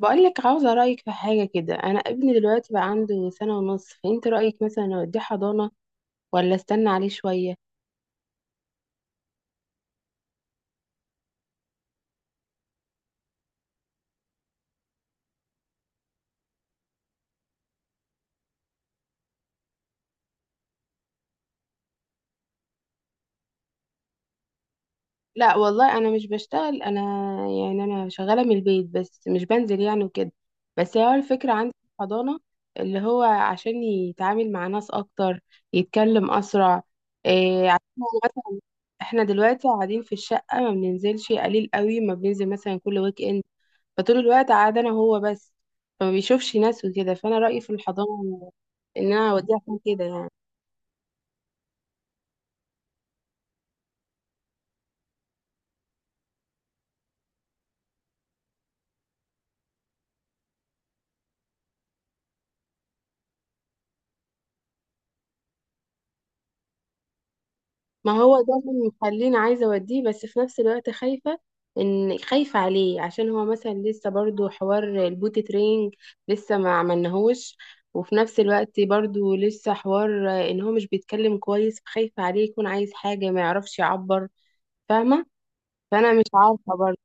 بقولك عاوزة رأيك في حاجة كده. أنا ابني دلوقتي بقى عنده سنة ونص، فأنت رأيك مثلا أوديه حضانة ولا أستنى عليه شوية؟ لا والله أنا مش بشتغل أنا، يعني أنا شغالة من البيت بس مش بنزل يعني وكده. بس هو الفكرة عندي في الحضانة اللي هو عشان يتعامل مع ناس أكتر، يتكلم أسرع. إيه عشان هو مثلا إحنا دلوقتي قاعدين في الشقة ما بننزلش قليل قوي، ما بننزل مثلا كل ويك إند، فطول الوقت قاعد انا وهو بس، فما بيشوفش ناس وكده. فانا رأيي في الحضانة ان انا اوديه عشان كده يعني. ما هو ده اللي مخليني عايزة اوديه، بس في نفس الوقت خايفة ان خايفة عليه عشان هو مثلا لسه برضو حوار البوت ترينج لسه ما عملناهوش، وفي نفس الوقت برضو لسه حوار ان هو مش بيتكلم كويس، فخايفة عليه يكون عايز حاجة ما يعرفش يعبر، فاهمة؟ فانا مش عارفة.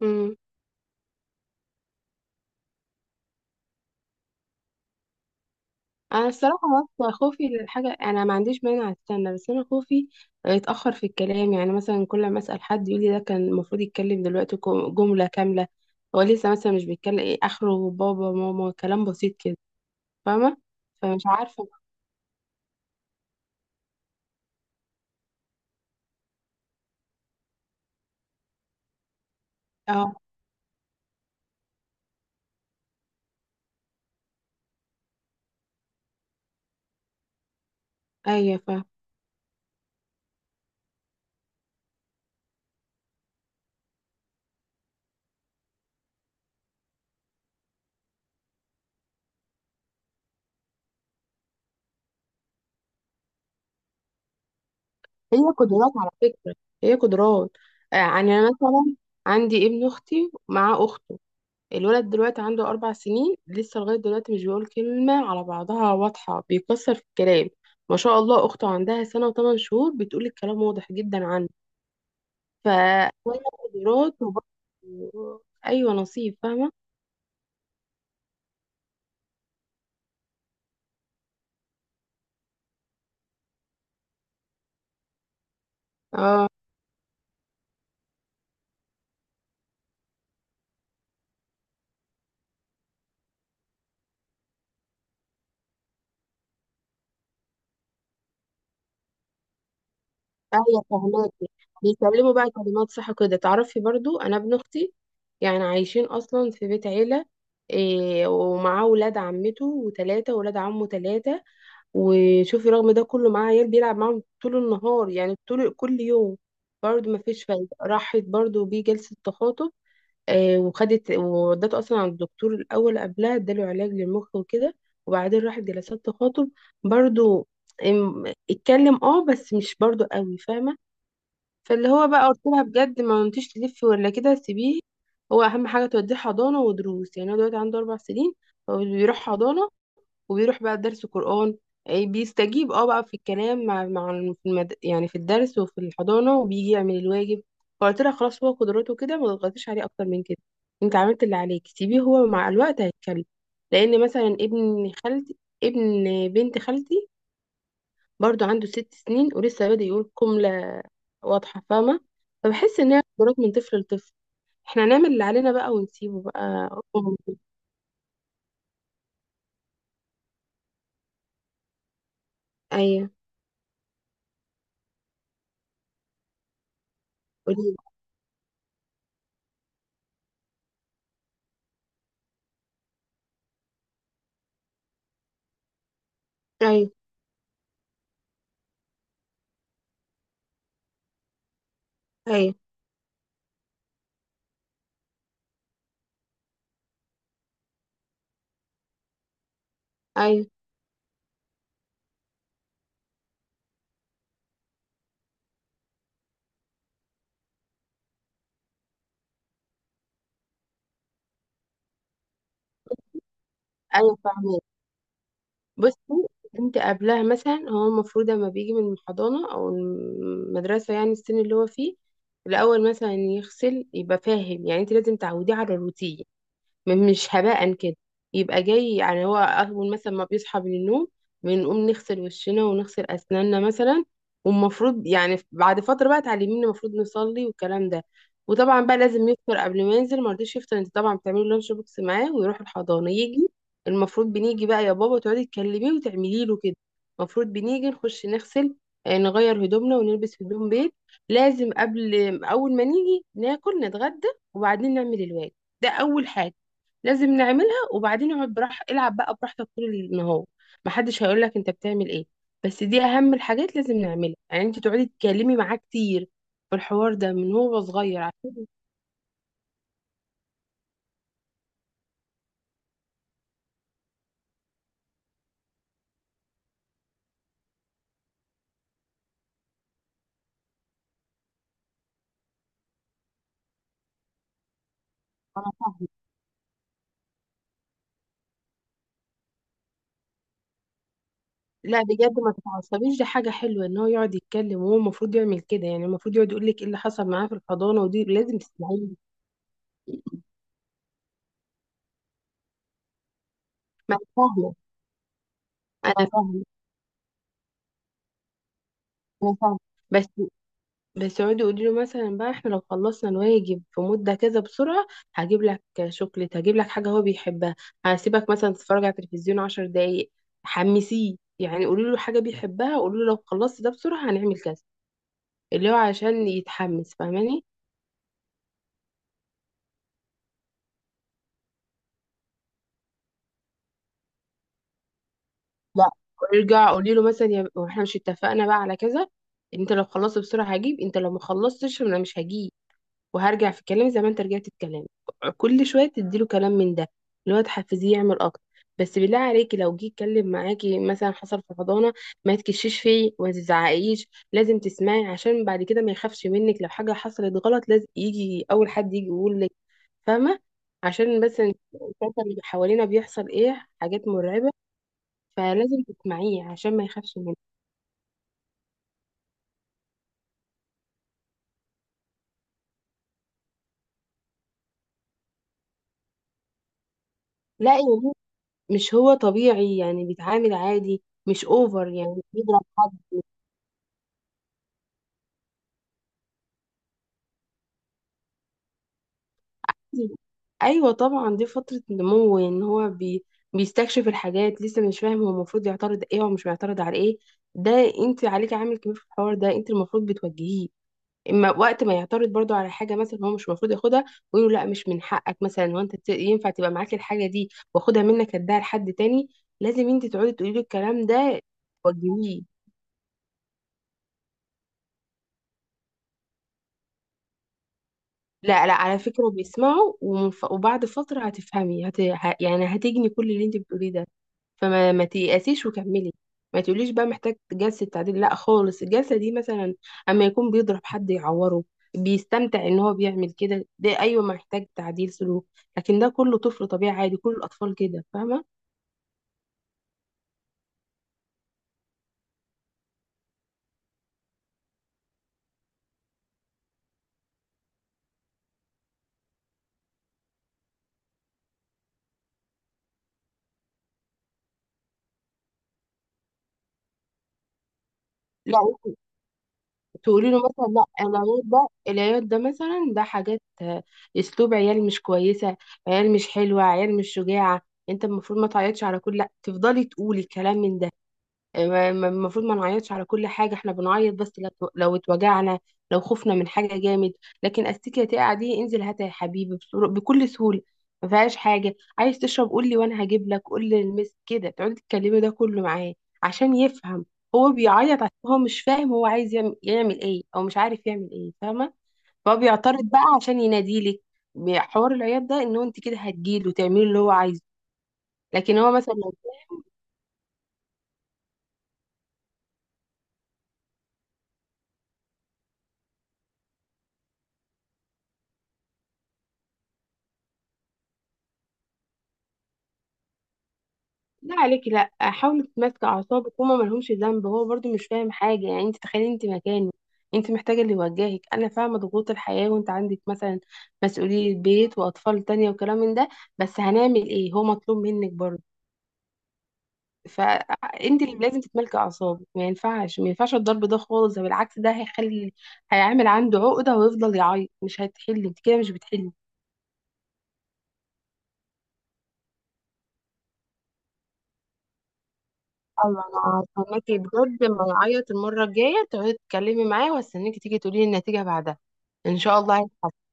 برضو انا الصراحه بس خوفي للحاجه، انا ما عنديش مانع استنى، بس انا خوفي يتاخر في الكلام. يعني مثلا كل ما اسال حد يقول لي ده كان المفروض يتكلم دلوقتي جمله كامله. هو لسه مثلا مش بيتكلم، ايه اخره بابا ماما كلام بسيط كده. فاهمه؟ فمش عارفه. اه. ايوه فاهمه. هي قدرات على فكره، هي قدرات. يعني انا مثلا عندي ابن اختي مع اخته، الولد دلوقتي عنده أربع سنين لسه، لغاية دلوقتي مش بيقول كلمة على بعضها واضحة، بيكسر في الكلام. ما شاء الله أخته عندها سنة وثمان شهور بتقول الكلام واضح جدا عنه. فأولى قدرات، وبرضه أيوة نصيب، فاهمة؟ اه، أيوة فهماكي. بيتكلموا بقى كلمات صح كده؟ تعرفي برضو أنا ابن أختي يعني عايشين أصلا في بيت عيلة، إيه ومعاه ولاد عمته وتلاتة ولاد عمه تلاتة. وشوفي رغم ده كله معاه عيال بيلعب معاهم طول النهار، يعني طول كل يوم، برضه ما فيش فايدة. راحت برضه بيه جلسة تخاطب، آه، وخدت وودته أصلا عند الدكتور الأول قبلها، اداله علاج للمخ وكده، وبعدين راحت جلسات تخاطب. برضه اتكلم اه بس مش برضه قوي، فاهمة؟ فاللي هو بقى قلت لها بجد ما انتيش تلفي ولا كده، سيبيه. هو أهم حاجة توديه حضانة ودروس، يعني هو دلوقتي عنده أربع سنين، فبيروح حضانة وبيروح بقى درس قرآن. إيه، بيستجيب اه بقى في الكلام مع يعني في الدرس وفي الحضانة وبيجي يعمل الواجب. فقلت لها خلاص هو قدراته كده، ما تضغطيش عليه اكتر من كده. انت عملت اللي عليك سيبيه، هو مع الوقت هيتكلم. لان مثلا ابن خالتي، ابن بنت خالتي، برضو عنده ست سنين ولسه بادئ يقول جملة واضحة، فاهمة؟ فبحس ان هي قدرات من طفل لطفل، احنا نعمل اللي علينا بقى ونسيبه بقى. ايوه قوليلي. ايوه، ايوه، ايوه، ايوه، فاهمة. بصي انت قبلها مثلا هو المفروض لما بيجي من الحضانة او المدرسة يعني السن اللي هو فيه الاول مثلا يغسل، يبقى فاهم. يعني انت لازم تعوديه على الروتين، مش هباء كده. يبقى جاي يعني هو أول مثلا ما بيصحى من النوم بنقوم نغسل وشنا ونغسل أسناننا مثلا، والمفروض يعني بعد فترة بقى تعلميني المفروض نصلي والكلام ده. وطبعا بقى لازم يفطر قبل ما ينزل، ما رضيش يفطر انت طبعا بتعملي لانش بوكس معاه ويروح الحضانة. يجي المفروض بنيجي بقى يا بابا تقعدي تكلميه وتعملي له كده. المفروض بنيجي نخش نغسل، نغير هدومنا ونلبس هدوم بيت. لازم قبل أول ما نيجي ناكل نتغدى وبعدين نعمل الواجب. ده أول حاجة لازم نعملها، وبعدين اقعد براح العب بقى براحتك طول النهار، محدش هيقول لك انت بتعمل ايه. بس دي اهم الحاجات لازم نعملها، يعني انت تقعدي تتكلمي معاه كتير في الحوار ده من هو صغير عشان. انا فاهمه. لا بجد ما تتعصبيش، دي حاجه حلوه ان هو يقعد يتكلم، وهو المفروض يعمل كده. يعني المفروض يقعد يقول لك ايه اللي حصل معاه في الحضانه، ودي لازم تسمعيه. ما انا فاهمه، انا فاهمه، انا فاهمه. بس بس يقعدوا يقولوا له مثلا بقى احنا لو خلصنا الواجب في مدة كذا بسرعة هجيب لك شوكليت، هجيب لك حاجة هو بيحبها، هسيبك مثلا تتفرج على التلفزيون عشر دقايق. حمسيه يعني، قولوا له حاجة بيحبها، قولوا له لو خلصت ده بسرعة هنعمل كذا، اللي هو عشان يتحمس، فاهماني؟ لا ويرجع قولي له مثلا يا واحنا مش اتفقنا بقى على كذا، انت لو خلصت بسرعة هجيب، انت لو ما خلصتش انا مش هجيب، وهرجع في كلامي زي ما انت رجعت في كلامك. كل شويه تديله كلام من ده اللي هو تحفزيه يعمل اكتر. بس بالله عليكي لو جه يتكلم معاكي مثلا حصل في حضانه، ما تكشيش فيه وما تزعقيش، لازم تسمعي عشان بعد كده ما يخافش منك. لو حاجه حصلت غلط لازم يجي اول حد يجي يقول لك، فاهمه؟ عشان بس الفترة اللي حوالينا بيحصل ايه حاجات مرعبه، فلازم تسمعيه عشان ما يخافش منك. لا يعني مش هو طبيعي يعني، بيتعامل عادي مش اوفر، يعني بيضرب حد. ايوه طبعا دي فتره نمو ان هو بيستكشف الحاجات، لسه مش فاهم هو المفروض يعترض ايه ومش بيعترض على ايه ده. انت عليك عامل كبير في الحوار ده، انت المفروض بتوجهيه. اما وقت ما يعترض برضو على حاجه مثلا هو مش المفروض ياخدها، ويقول له لا مش من حقك مثلا، هو ينفع تبقى معاك الحاجه دي، واخدها منك اديها لحد تاني. لازم انت تقعدي تقولي له الكلام ده، توجهيه. لا لا، على فكرة بيسمعوا، وبعد فترة هتفهمي، يعني هتجني كل اللي انت بتقوليه ده. فما ما تيأسيش وكملي. ما تقوليش بقى محتاج جلسة تعديل، لا خالص. الجلسة دي مثلا اما يكون بيضرب حد يعوره، بيستمتع ان هو بيعمل كده، ده ايوه محتاج تعديل سلوك. لكن ده كله طفل طبيعي عادي، كل الاطفال كده، فاهمة؟ لا، تقولي له مثلا لا العياط ده، العياط ده مثلا ده حاجات اسلوب عيال مش كويسه، عيال مش حلوه، عيال مش شجاعه. انت المفروض ما تعيطش على كل، لا تفضلي تقولي كلام من ده. المفروض ما نعيطش على كل حاجة، احنا بنعيط بس لو اتوجعنا، لو خفنا من حاجة جامد. لكن استيكية تقع دي انزل هاتها يا حبيبي بكل سهولة، ما فيهاش حاجة. عايز تشرب قول لي وانا هجيب لك، قول لي المس كده، تقعدي تتكلمي ده كله معاه عشان يفهم. هو بيعيط عشان هو مش فاهم هو عايز يعمل ايه او مش عارف يعمل ايه، فاهمة؟ فهو بيعترض بقى عشان يناديلك، حوار العياط ده ان هو انت كده هتجيله تعملي اللي هو عايزه. لكن هو مثلا لا عليكي، لا حاولي تتماسكي اعصابك، هما ملهمش ذنب، هو برضو مش فاهم حاجه. يعني انت تخيلي انت مكانه، انت محتاجه اللي يوجهك. انا فاهمه ضغوط الحياه، وانت عندك مثلا مسؤوليه بيت واطفال تانية وكلام من ده. بس هنعمل ايه، هو مطلوب منك برضو، فانت اللي لازم تتملكي اعصابك. ما ينفعش، ما ينفعش الضرب ده خالص، ده بالعكس ده هيعمل عنده عقده ويفضل يعيط، مش هتحل انت كده، مش بتحلي. اما انا هستناكي بجد، لما نعيط المره الجايه تقعدي تتكلمي معايا، واستناكي تيجي تقولي لي النتيجه بعدها. ان شاء الله هيتحسن.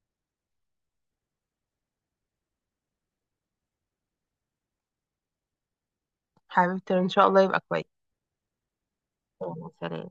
حبيبتي ان شاء الله يبقى كويس. يلا، سلام.